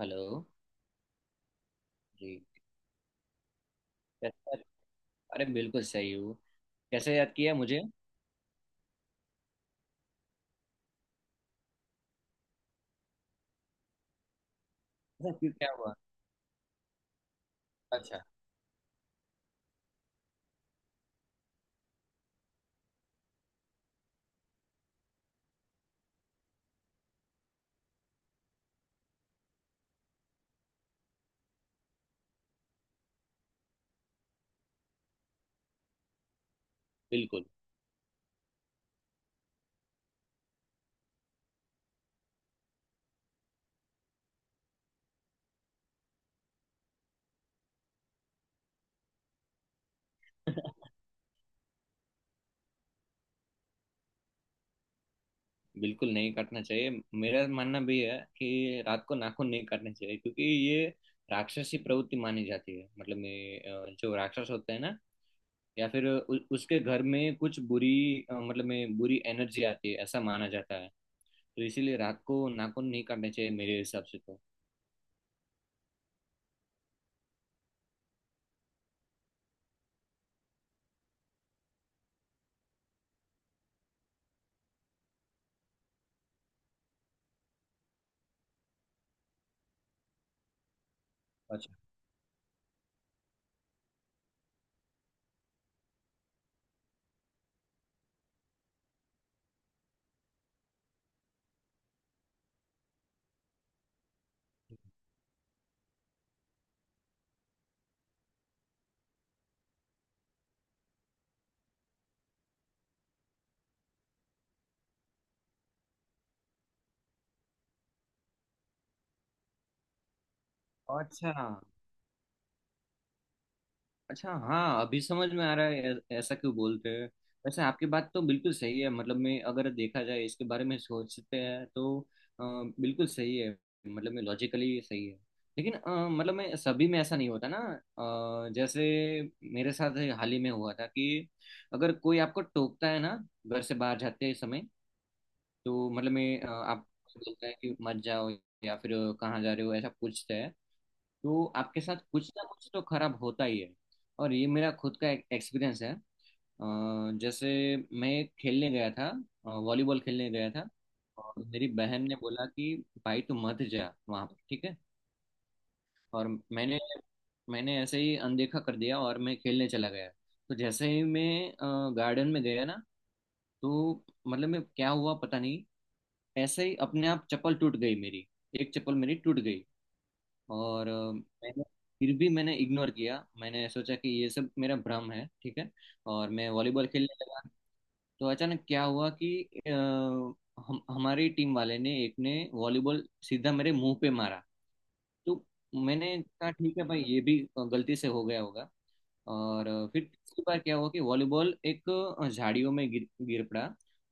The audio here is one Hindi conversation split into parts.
हेलो जी। कैसे? अरे बिल्कुल सही हूँ। कैसे याद किया मुझे? अच्छा, क्यों क्या हुआ? अच्छा। बिल्कुल। बिल्कुल नहीं काटना चाहिए। मेरा मानना भी है कि रात को नाखून नहीं काटने चाहिए, क्योंकि ये राक्षसी प्रवृत्ति मानी जाती है। मतलब में जो राक्षस होते हैं ना, या फिर उसके घर में कुछ बुरी, मतलब में बुरी एनर्जी आती है, ऐसा माना जाता है। तो इसीलिए रात को नाखून नहीं काटने चाहिए मेरे हिसाब से तो। अच्छा। अच्छा। अच्छा, हाँ अभी समझ में आ रहा है ऐसा क्यों बोलते हैं। वैसे आपकी बात तो बिल्कुल सही है, मतलब मैं अगर देखा जाए इसके बारे में सोचते हैं तो, अ, बिल्कुल सही है। मतलब मैं लॉजिकली सही है। लेकिन मतलब मैं सभी में ऐसा नहीं होता ना। जैसे मेरे साथ हाल ही में हुआ था कि अगर कोई आपको टोकता है ना घर से बाहर जाते समय, तो मतलब मैं आपको बोलता है कि मत जाओ, या फिर कहाँ जा रहे हो ऐसा पूछता है, तो आपके साथ कुछ ना कुछ तो खराब होता ही है। और ये मेरा खुद का एक्सपीरियंस है। अ, जैसे मैं खेलने गया था, वॉलीबॉल खेलने गया था। और मेरी बहन ने बोला कि भाई तू मत जा वहाँ पर, ठीक है। और मैंने मैंने ऐसे ही अनदेखा कर दिया और मैं खेलने चला गया। तो जैसे ही मैं गार्डन में गया ना, तो मतलब मैं क्या हुआ पता नहीं, ऐसे ही अपने आप चप्पल टूट गई मेरी, एक चप्पल मेरी टूट गई। और मैंने फिर भी मैंने इग्नोर किया, मैंने सोचा कि ये सब मेरा भ्रम है ठीक है, और मैं वॉलीबॉल खेलने लगा। तो अचानक क्या हुआ कि अ, हम हमारी टीम वाले ने एक ने वॉलीबॉल सीधा मेरे मुंह पे मारा। तो मैंने कहा ठीक है भाई, ये भी गलती से हो गया होगा। और फिर तीसरी बार क्या हुआ कि वॉलीबॉल एक झाड़ियों में गिर गिर पड़ा।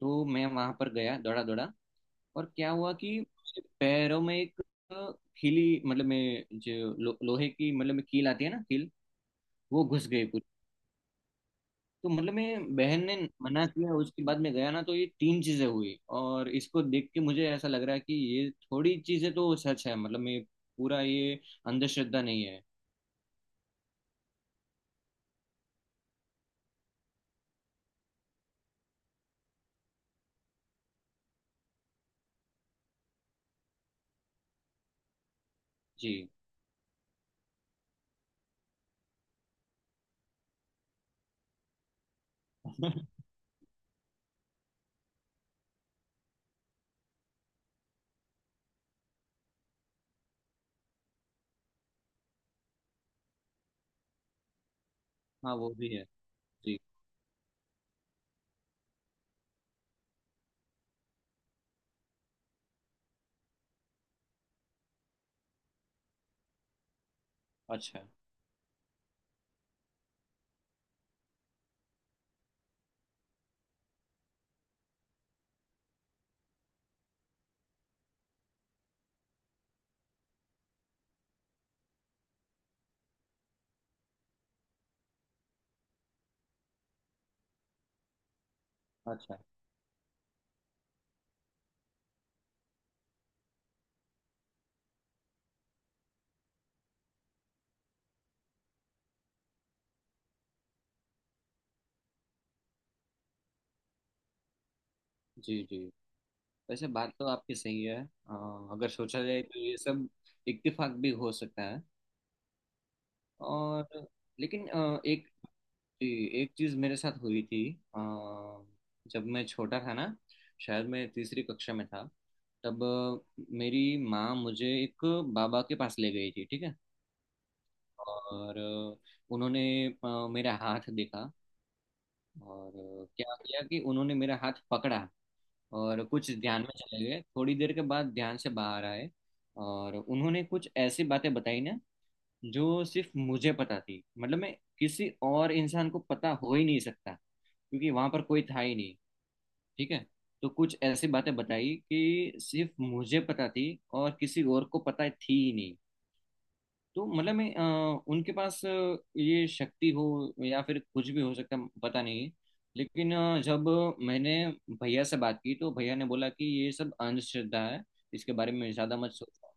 तो मैं वहां पर गया दौड़ा दौड़ा, और क्या हुआ कि मेरे पैरों में एक खीली, मतलब मैं जो लोहे की मतलब में कील आती है ना, कील, वो घुस गई पूरी। तो मतलब मैं बहन ने मना किया उसके बाद मैं गया ना, तो ये तीन चीजें हुई, और इसको देख के मुझे ऐसा लग रहा है कि ये थोड़ी चीजें तो सच है। मतलब मैं पूरा ये अंधश्रद्धा नहीं है। जी। हाँ वो भी है। जी। अच्छा। अच्छा। जी। जी। वैसे बात तो आपकी सही है। अ, अगर सोचा जाए तो ये सब इत्तेफाक भी हो सकता है। और लेकिन एक एक चीज मेरे साथ हुई थी। अ, जब मैं छोटा था ना, शायद मैं तीसरी कक्षा में था, तब मेरी माँ मुझे एक बाबा के पास ले गई थी, ठीक है। और उन्होंने मेरा हाथ देखा। और क्या किया कि उन्होंने मेरा हाथ पकड़ा, और कुछ ध्यान में चले गए, थोड़ी देर के बाद ध्यान से बाहर आए। और उन्होंने कुछ ऐसी बातें बताई ना, जो सिर्फ मुझे पता थी। मतलब मैं किसी और इंसान को पता हो ही नहीं सकता, क्योंकि वहां पर कोई था ही नहीं, ठीक है। तो कुछ ऐसी बातें बताई कि सिर्फ मुझे पता थी, और किसी और को पता थी ही नहीं। तो मतलब मैं उनके पास ये शक्ति हो या फिर कुछ भी हो सकता, पता नहीं। लेकिन जब मैंने भैया से बात की, तो भैया ने बोला कि ये सब अंधश्रद्धा है, इसके बारे में ज़्यादा मत सोचो।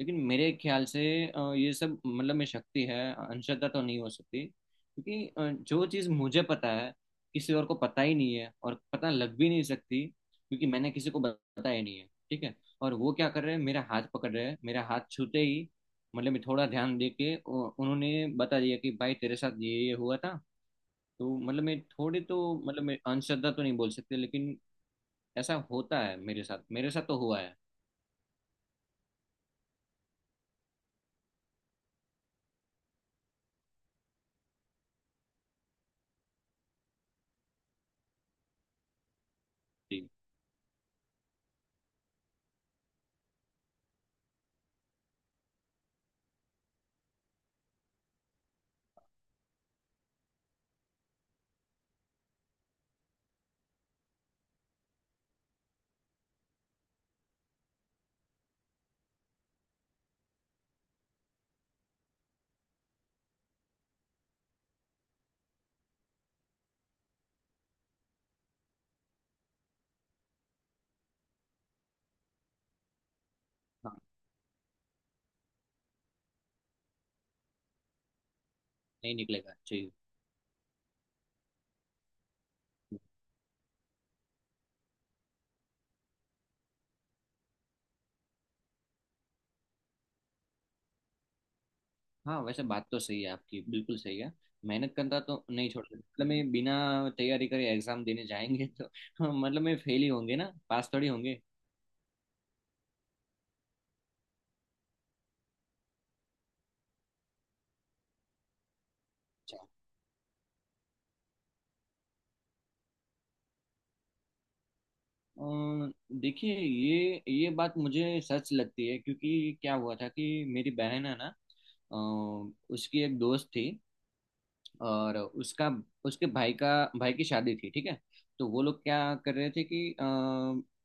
लेकिन मेरे ख्याल से ये सब मतलब में शक्ति है, अंशतः तो नहीं हो सकती, क्योंकि जो चीज़ मुझे पता है, किसी और को पता ही नहीं है, और पता लग भी नहीं सकती, क्योंकि मैंने किसी को बताया ही नहीं है ठीक है। और वो क्या कर रहे हैं, मेरा हाथ पकड़ रहे हैं, मेरा हाथ छूते ही मतलब मैं थोड़ा ध्यान दे के उन्होंने बता दिया कि भाई तेरे साथ ये हुआ था। तो मतलब मैं थोड़े, तो मतलब मैं अंशतः तो नहीं बोल सकते, लेकिन ऐसा होता है। मेरे साथ, मेरे साथ तो हुआ है। जी। हाँ नहीं निकलेगा जी। हाँ वैसे बात तो सही है आपकी, बिल्कुल सही है। मेहनत करना तो नहीं छोड़ सकते, मतलब मैं बिना तैयारी करे एग्जाम देने जाएंगे तो मतलब मैं फेल ही होंगे ना, पास थोड़ी होंगे। अच्छा, अ, देखिए ये बात मुझे सच लगती है, क्योंकि क्या हुआ था कि मेरी बहन है ना, उसकी एक दोस्त थी, और उसका उसके भाई का, भाई की शादी थी ठीक है। तो वो लोग क्या कर रहे थे कि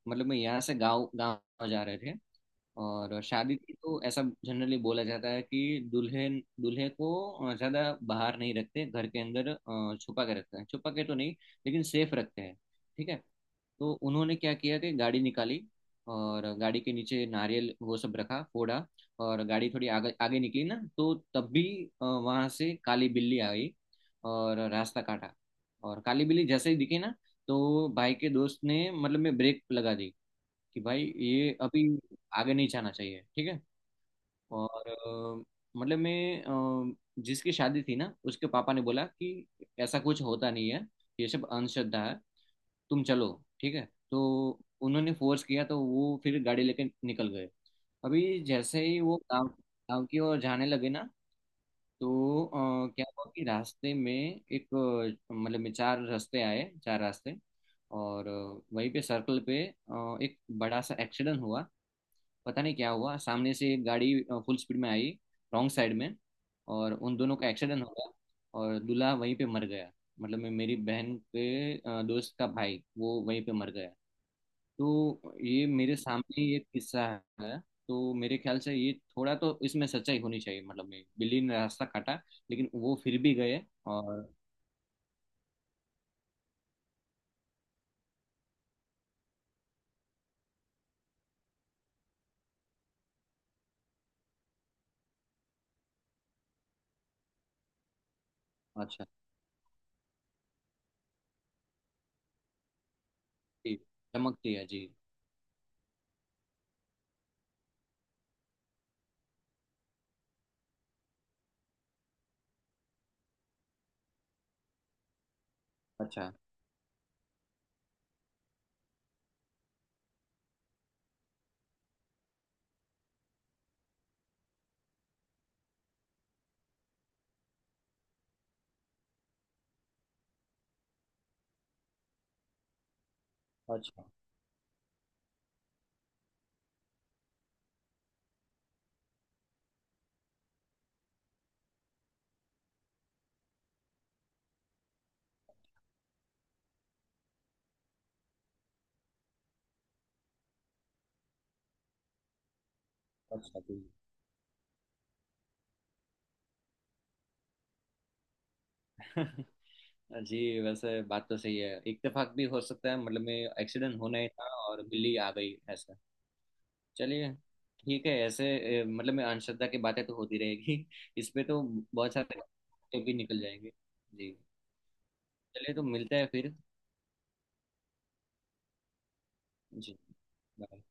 मतलब मैं यहाँ से गांव गांव जा रहे थे। और शादी की तो ऐसा जनरली बोला जाता है कि दुल्हन दूल्हे को ज़्यादा बाहर नहीं रखते, घर के अंदर छुपा के रखते हैं, छुपा के तो नहीं लेकिन सेफ रखते हैं, ठीक है। तो उन्होंने क्या किया कि गाड़ी निकाली, और गाड़ी के नीचे नारियल वो सब रखा फोड़ा। और गाड़ी थोड़ी आगे आगे निकली ना, तो तब भी वहां से काली बिल्ली आई और रास्ता काटा। और काली बिल्ली जैसे ही दिखी ना, तो भाई के दोस्त ने मतलब में ब्रेक लगा दी कि भाई ये अभी आगे नहीं जाना चाहिए, ठीक है। और मतलब मैं अ, जिसकी शादी थी ना उसके पापा ने बोला कि ऐसा कुछ होता नहीं है, ये सब अंधश्रद्धा है, तुम चलो, ठीक है। तो उन्होंने फोर्स किया तो वो फिर गाड़ी लेके निकल गए। अभी जैसे ही वो गांव गांव की ओर जाने लगे ना, तो क्या हुआ कि रास्ते में एक मतलब में चार रास्ते आए, चार रास्ते, और वहीं पे सर्कल पे एक बड़ा सा एक्सीडेंट हुआ। पता नहीं क्या हुआ, सामने से एक गाड़ी फुल स्पीड में आई, रॉन्ग साइड में, और उन दोनों का एक्सीडेंट हो गया। और दूल्हा वहीं पे मर गया, मतलब मैं मेरी बहन के दोस्त का भाई वो वहीं पे मर गया। तो ये मेरे सामने ये किस्सा है। तो मेरे ख्याल से ये थोड़ा तो इसमें सच्चाई होनी चाहिए, मतलब मैं बिल्ली ने रास्ता काटा लेकिन वो फिर भी गए। और अच्छा जी, चमकती है जी। अच्छा। अच्छा। अच्छा जी। जी, वैसे बात तो सही है, इत्तेफाक भी हो सकता है मतलब में, एक्सीडेंट होना ही था और बिल्ली आ गई ऐसा। चलिए, ठीक है। ऐसे मतलब में अंधश्रद्धा की बातें तो होती रहेगी इस पे तो बहुत सारे टॉपिक भी निकल जाएंगे। जी, चलिए तो मिलते हैं फिर। जी, बाय।